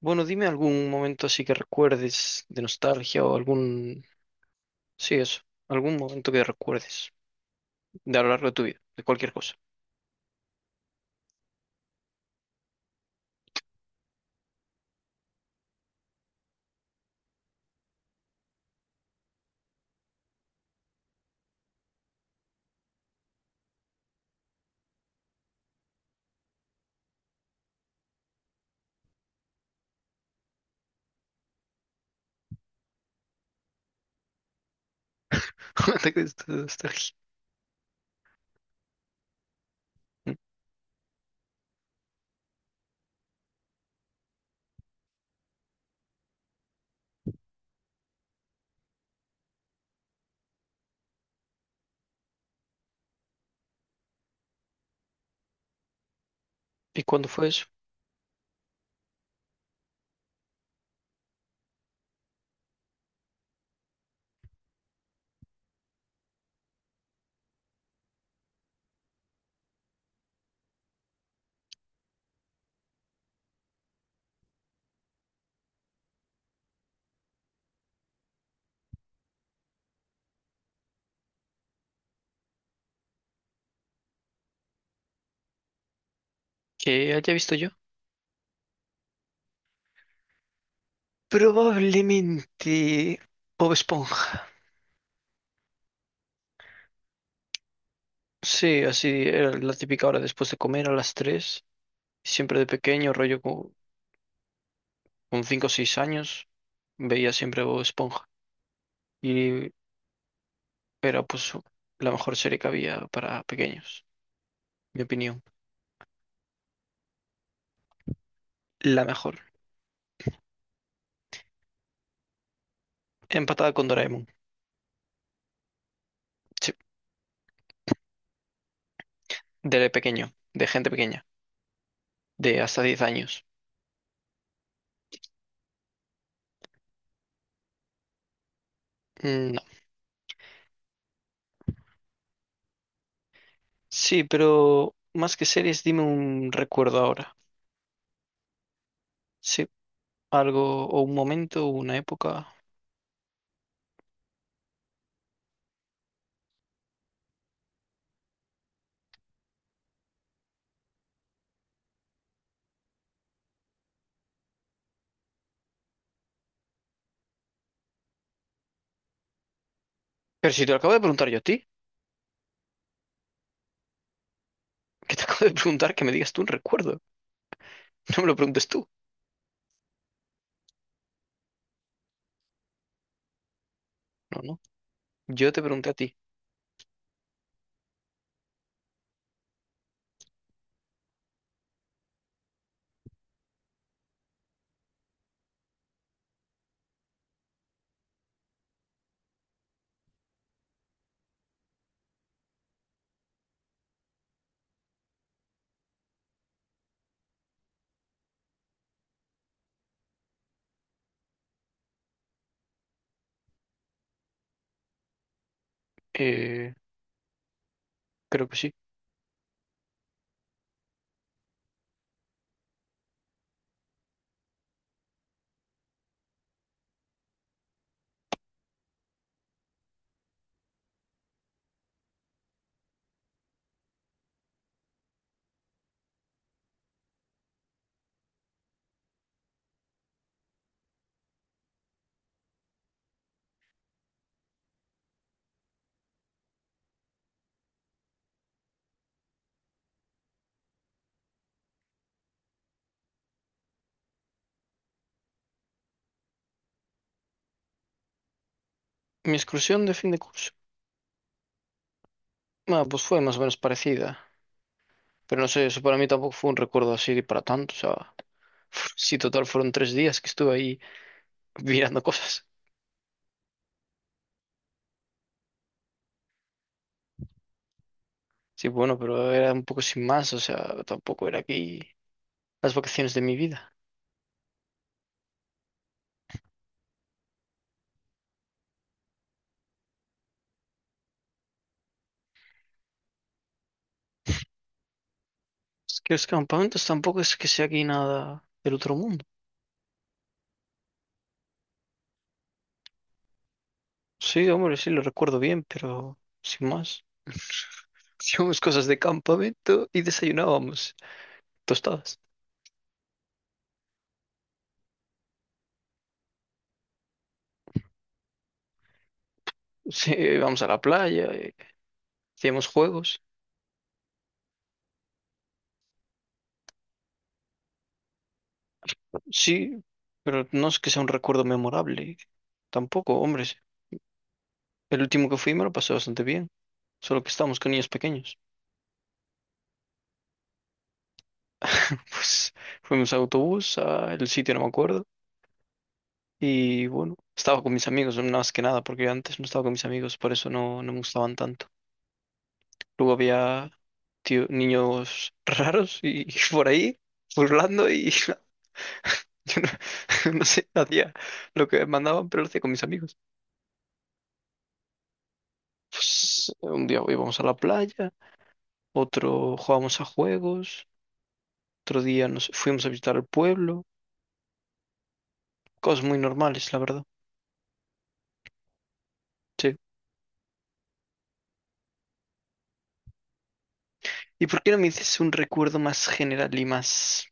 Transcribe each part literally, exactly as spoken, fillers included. Bueno, dime algún momento así que recuerdes de nostalgia o algún... Sí, eso. Algún momento que recuerdes de a lo largo de tu vida, de cualquier cosa. Un ataque de nostalgia. ¿Mm? ¿Y cuándo fue eso? ¿Que haya visto yo? Probablemente Bob Esponja. Sí, así era la típica hora después de comer a las tres. Siempre de pequeño, rollo co- con, cinco o seis años, veía siempre Bob Esponja. Y era pues la mejor serie que había para pequeños, mi opinión. La mejor. Empatada con Doraemon. Sí, de pequeño, de gente pequeña, de hasta diez años. Mm, No. Sí, pero más que series, dime un recuerdo ahora. Sí, algo o un momento, una época. Pero si te lo acabo de preguntar yo a ti, que te acabo de preguntar que me digas tú un recuerdo. No me lo preguntes tú. No, no. Yo te pregunté a ti. Eh, creo que sí. Mi excursión de fin de curso. Ah, pues fue más o menos parecida. Pero no sé, eso para mí tampoco fue un recuerdo así para tanto. O sea, si total fueron tres días que estuve ahí mirando cosas. Sí, bueno, pero era un poco sin más, o sea, tampoco era aquí las vacaciones de mi vida. Es que los campamentos tampoco es que sea aquí nada del otro mundo. Sí, hombre, sí, lo recuerdo bien, pero sin más. Hacíamos cosas de campamento y desayunábamos tostadas. Sí, íbamos a la playa, eh, hacíamos juegos. Sí, pero no es que sea un recuerdo memorable. Tampoco, hombre. Sí. El último que fui me lo pasé bastante bien, solo que estábamos con niños pequeños. Pues fuimos a autobús al sitio, no me acuerdo. Y bueno, estaba con mis amigos, no, más que nada, porque antes no estaba con mis amigos, por eso no, no me gustaban tanto. Luego había tío- niños raros y, por ahí, burlando, y yo no, no sé, hacía lo que mandaban, pero lo hacía con mis amigos. Pues, un día íbamos a la playa, otro jugábamos a juegos, otro día nos fuimos a visitar el pueblo, cosas muy normales, la verdad. Sí. ¿Y por qué no me dices un recuerdo más general y más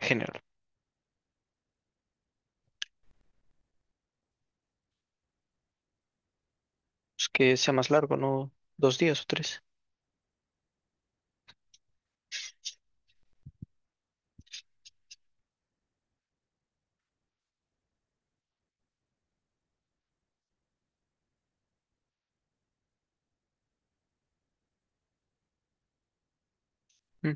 general? Pues que sea más largo, no dos días o tres. Mm.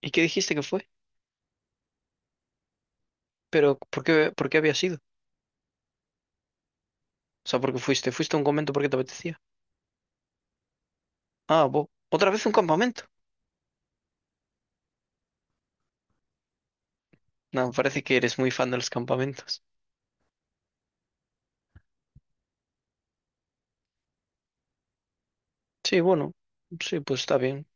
¿Y qué dijiste que fue? Pero ¿por qué, por qué había sido? O sea, ¿por qué fuiste? ¿Fuiste a un convento porque te apetecía? Ah, bo- ¿otra vez un campamento? No, parece que eres muy fan de los campamentos. Sí, bueno, sí, pues está bien.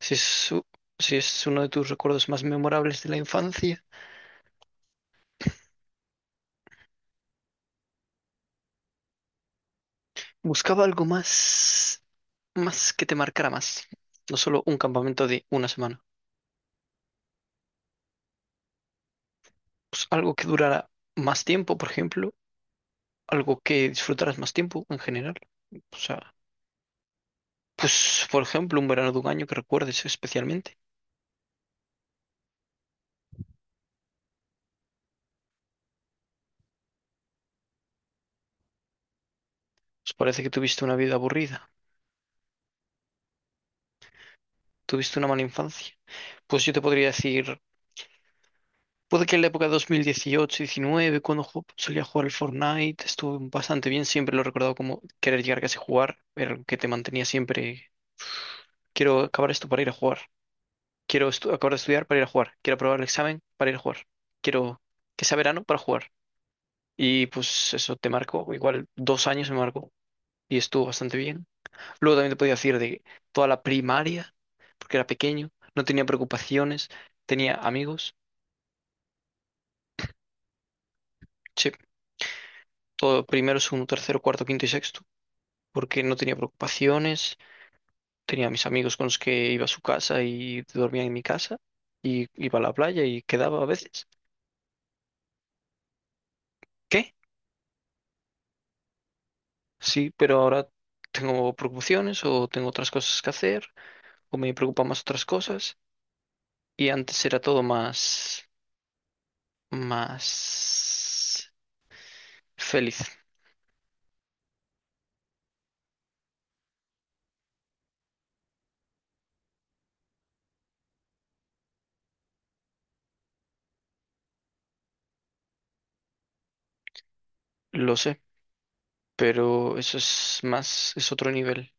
Si es, su- si es uno de tus recuerdos más memorables de la infancia, buscaba algo más, más que te marcara más. No solo un campamento de una semana. Pues, algo que durara más tiempo, por ejemplo, algo que disfrutaras más tiempo en general. O sea, pues por ejemplo, un verano de un año que recuerdes especialmente. Pues parece que tuviste una vida aburrida, tuviste una mala infancia. Pues yo te podría decir, puede que en la época de dos mil dieciocho-diecinueve, cuando ju- solía jugar al Fortnite, estuve bastante bien, siempre lo he recordado como querer llegar casi a casa y jugar, era algo que te mantenía siempre, quiero acabar esto para ir a jugar, quiero estu- acabar de estudiar para ir a jugar, quiero aprobar el examen para ir a jugar, quiero que sea verano para jugar. Y pues eso te marcó, igual dos años me marcó y estuvo bastante bien. Luego también te podía decir de toda la primaria, porque era pequeño, no tenía preocupaciones, tenía amigos, sí, todo primero, segundo, tercero, cuarto, quinto y sexto, porque no tenía preocupaciones, tenía a mis amigos con los que iba a su casa y dormía en mi casa y iba a la playa y quedaba a veces. ¿Qué? Sí, pero ahora tengo preocupaciones o tengo otras cosas que hacer o me preocupan más otras cosas y antes era todo más más feliz. Lo sé, pero eso es más, es otro nivel.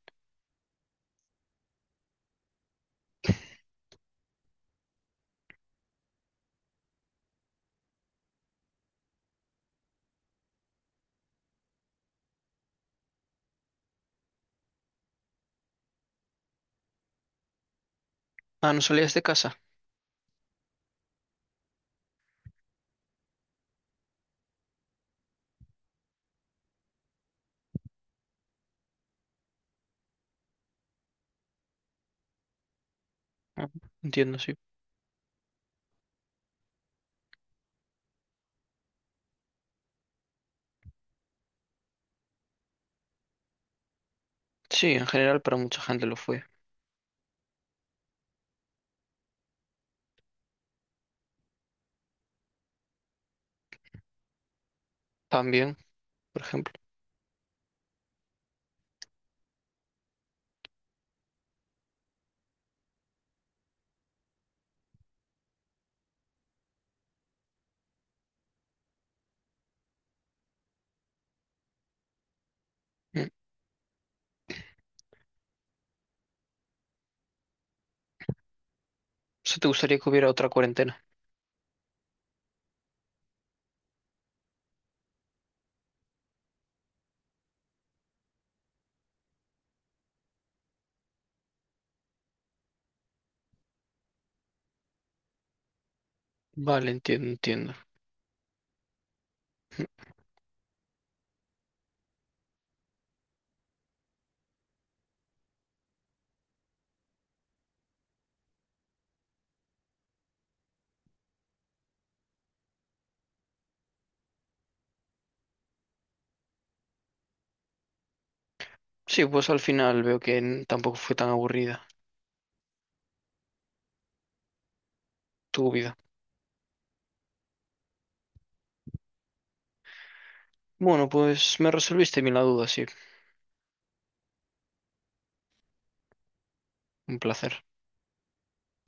Ah, no salías de casa. Ah, entiendo, sí. Sí, en general para mucha gente lo fue. También, por ejemplo. Mm. O sea, ¿te gustaría que hubiera otra cuarentena? Vale, entiendo, entiendo. Sí, pues al final veo que n- tampoco fue tan aburrida tu vida. Bueno, pues me resolviste bien la duda, sí. Un placer.